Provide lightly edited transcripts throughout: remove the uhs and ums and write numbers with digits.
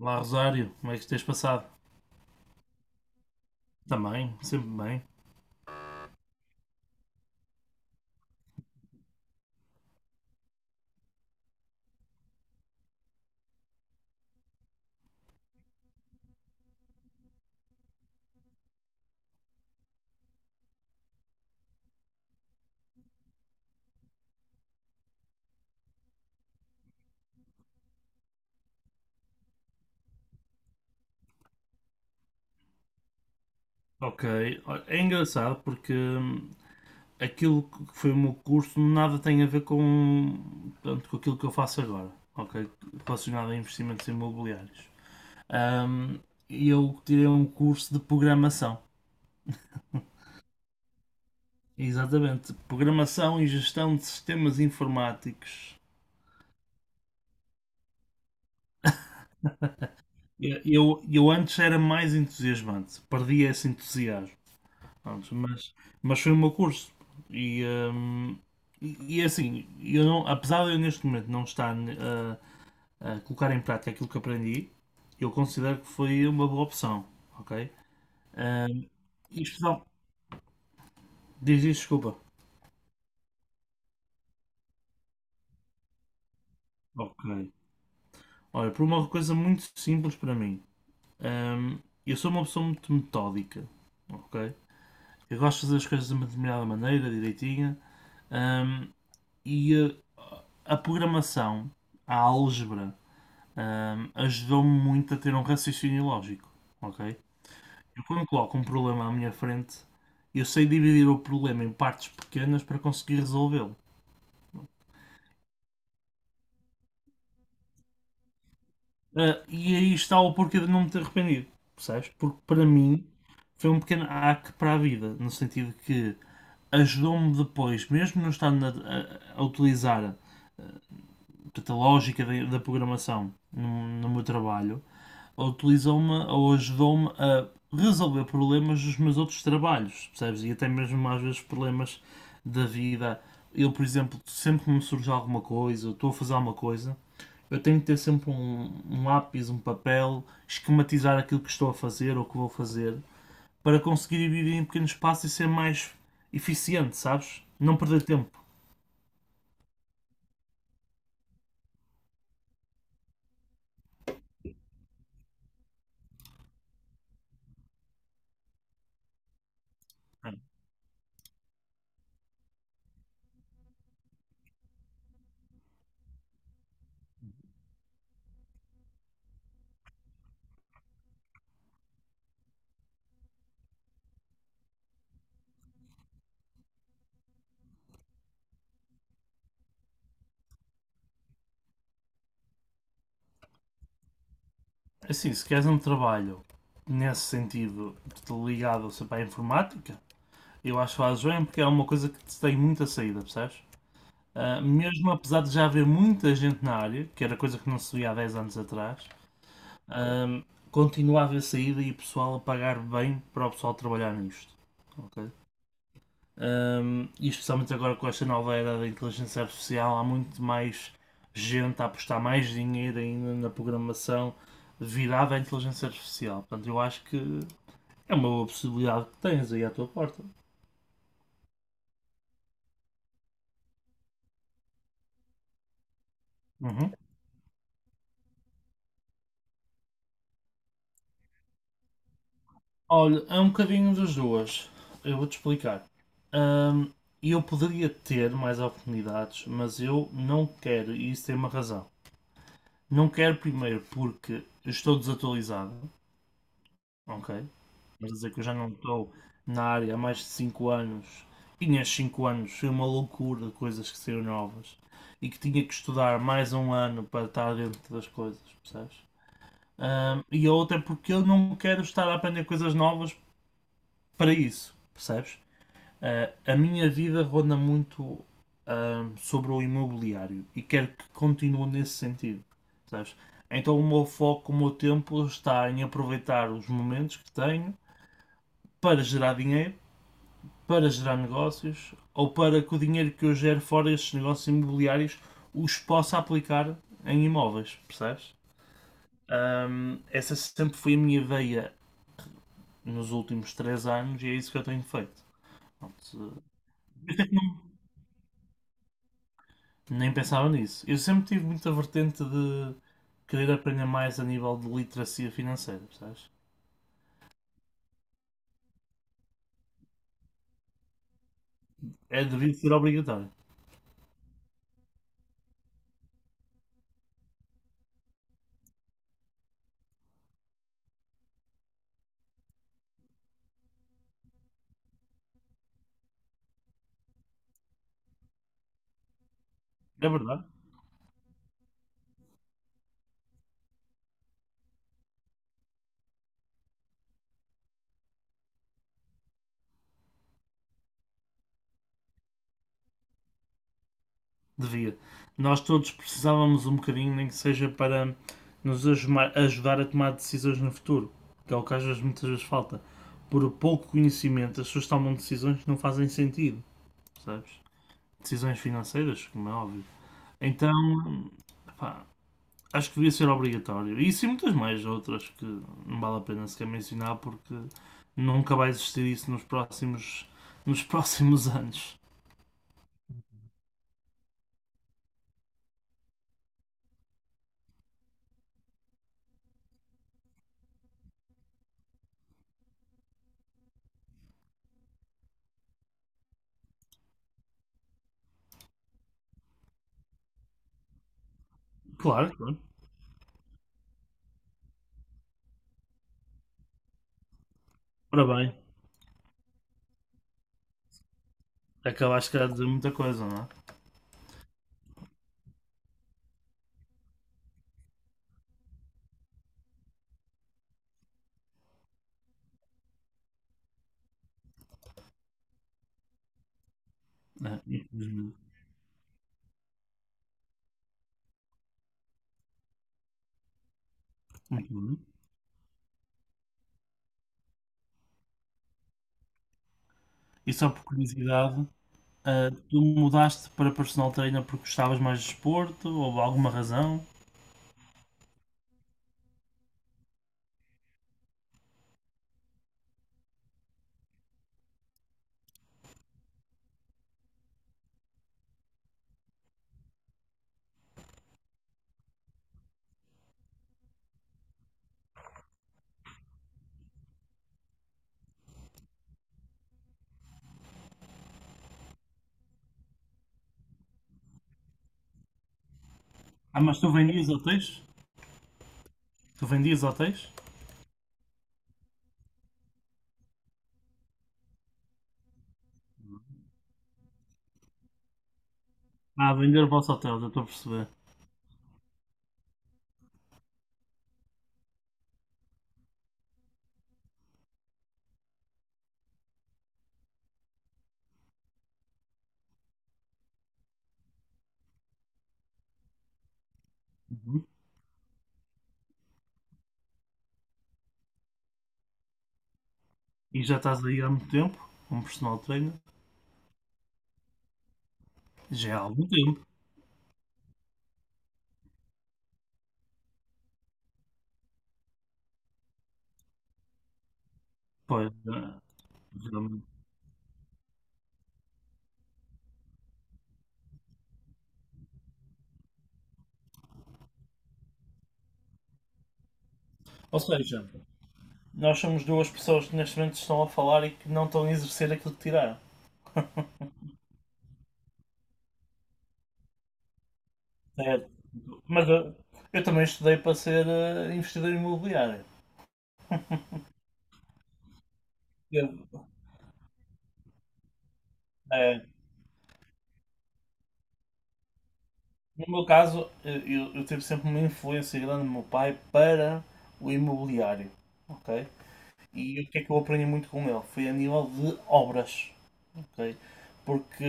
Olá, Rosário, como é que tens passado? Também, sempre bem. Ok. Olha, é engraçado porque aquilo que foi o meu curso nada tem a ver com, portanto, com aquilo que eu faço agora, ok? Relacionado a investimentos imobiliários. Hum, eu tirei um curso de programação, exatamente, programação e gestão de sistemas informáticos. Eu antes era mais entusiasmante, perdi esse entusiasmo. Pronto, mas foi o meu curso. E, hum, é assim, eu não, apesar de eu neste momento não estar a colocar em prática aquilo que aprendi, eu considero que foi uma boa opção, ok? Hum, isto dá- diz isto, desculpa. Ok. Olha, por uma coisa muito simples para mim. Hum, eu sou uma pessoa muito metódica, ok? Eu gosto de fazer as coisas de uma determinada maneira, direitinha. Hum, e uh, a programação, a álgebra, ajudou-me muito a ter um raciocínio lógico, ok? Eu quando coloco um problema à minha frente, eu sei dividir o problema em partes pequenas para conseguir resolvê-lo. Ah, e aí está o porquê de não me ter arrependido, percebes? Porque para mim foi um pequeno hack para a vida, no sentido que ajudou-me depois, mesmo não estando a utilizar a lógica da programação no meu trabalho, ou utilizou-me ou ajudou-me a resolver problemas dos meus outros trabalhos, percebes? E até mesmo às vezes problemas da vida. Eu, por exemplo, sempre que me surge alguma coisa, eu estou a fazer alguma coisa, eu tenho que ter sempre um lápis, um papel, esquematizar aquilo que estou a fazer ou que vou fazer, para conseguir dividir em pequenos passos e ser mais eficiente, sabes? Não perder tempo. Assim, se queres um trabalho nesse sentido ligado, sei lá, à informática. Eu acho o AjoM porque é uma coisa que te tem muita saída, percebes? Ah, mesmo apesar de já haver muita gente na área, que era coisa que não se via há 10 anos atrás, ahm, continua a haver saída e o pessoal a pagar bem para o pessoal trabalhar nisto, ok? E especialmente agora com esta nova era da inteligência artificial, há muito mais gente a apostar mais dinheiro ainda na programação virada à inteligência artificial. Portanto, eu acho que é uma boa possibilidade que tens aí à tua porta. Uhum. Olha, é um bocadinho das duas. Eu vou-te explicar. Hum, eu poderia ter mais oportunidades, mas eu não quero, e isso tem uma razão. Não quero primeiro porque eu estou desatualizado, ok? Quer dizer que eu já não estou na área há mais de 5 anos. E nestes 5 anos foi uma loucura de coisas que saíram novas e que tinha que estudar mais um ano para estar dentro das coisas, percebes? E a outra é porque eu não quero estar a aprender coisas novas para isso, percebes? Ah, a minha vida ronda muito sobre o imobiliário e quero que continue nesse sentido, sabes? Então o meu foco, o meu tempo está em aproveitar os momentos que tenho para gerar dinheiro, para gerar negócios ou para que o dinheiro que eu gero fora destes negócios imobiliários os possa aplicar em imóveis, percebes? Essa sempre foi a minha veia nos últimos 3 anos e é isso que eu tenho feito. Portanto. Nem pensava nisso. Eu sempre tive muita vertente de querer aprender mais a nível de literacia financeira, percebes? É, devia ser obrigatório. É verdade, devia. Nós todos precisávamos um bocadinho, nem que seja para nos ajudar a tomar decisões no futuro, que é o que às vezes muitas vezes falta. Por pouco conhecimento, as pessoas tomam decisões que não fazem sentido, percebes? Decisões financeiras, como é óbvio. Então, acho que devia ser obrigatório. E sim e muitas mais outras que não vale a pena sequer mencionar porque nunca vai existir isso nos próximos anos. Claro, claro. Ora bem, acabaste calhar de dizer muita coisa, não é? É, infelizmente. Muito bem. E só por curiosidade, tu mudaste para personal trainer porque gostavas mais de desporto ou alguma razão? Ah, mas tu vendias hotéis? Tu vendias hotéis? Ah, vender o vosso hotel, já estou a perceber. Uhum. E já estás aí há muito tempo, como personal trainer? Já há algum tempo. Pois, realmente. Ou seja, nós somos duas pessoas que neste momento estão a falar e que não estão a exercer aquilo que tiraram. Certo. Mas eu também estudei para ser investidor imobiliário. Eu, eh, no meu caso, eu tive sempre uma influência grande do meu pai para o imobiliário. Ok? E o que é que eu aprendi muito com ele? Foi a nível de obras, ok? Porque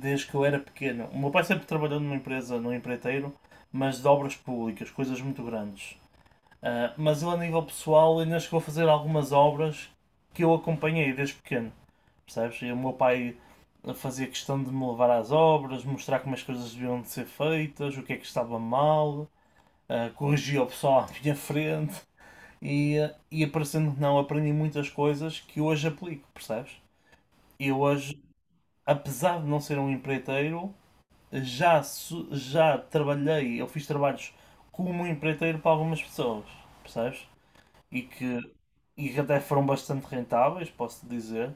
desde que eu era pequeno, o meu pai sempre trabalhou numa empresa, num empreiteiro, mas de obras públicas, coisas muito grandes. Ah, mas ele, a nível pessoal, ainda chegou a fazer algumas obras que eu acompanhei desde pequeno, percebes? E o meu pai fazia questão de me levar às obras, mostrar como as coisas deviam de ser feitas, o que é que estava mal, corrigia o pessoal à minha frente e aparecendo que não, aprendi muitas coisas que hoje aplico, percebes? E hoje apesar de não ser um empreiteiro, já, já trabalhei, eu fiz trabalhos como um empreiteiro para algumas pessoas, percebes? E que, e que até foram bastante rentáveis, posso dizer.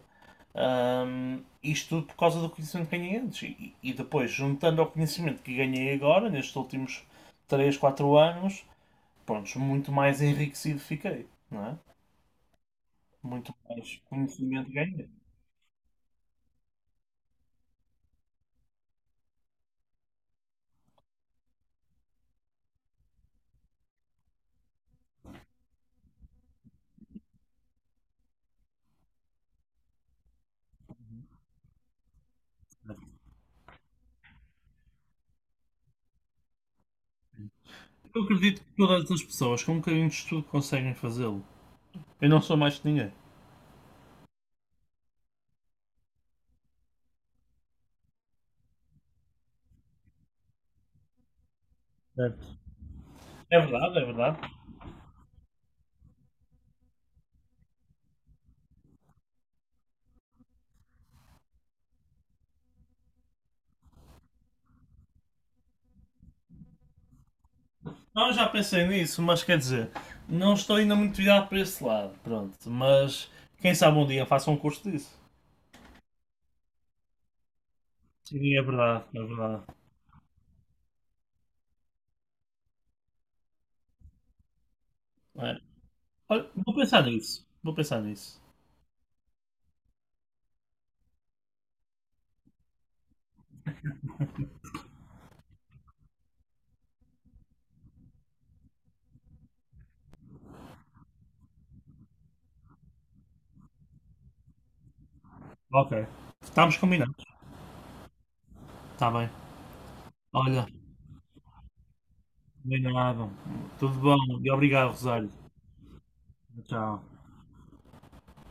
Isto tudo por causa do conhecimento que ganhei antes. E depois, juntando ao conhecimento que ganhei agora, nestes últimos 3 4 anos, pronto, muito mais enriquecido fiquei, não é? Muito mais conhecimento ganhei. Eu acredito que todas as pessoas com um bocadinho de estudo conseguem fazê-lo. Eu não sou mais que ninguém. Certo. É verdade, é verdade. Não, eu já pensei nisso, mas quer dizer, não estou ainda muito virado para esse lado, pronto. Mas quem sabe um dia faça um curso disso. Sim, é verdade, é verdade. É. Olha, vou pensar nisso, vou pensar nisso. Ok. Estamos combinados. Está bem. Olha, combinado. Tudo bom e obrigado, Rosário. Tchau.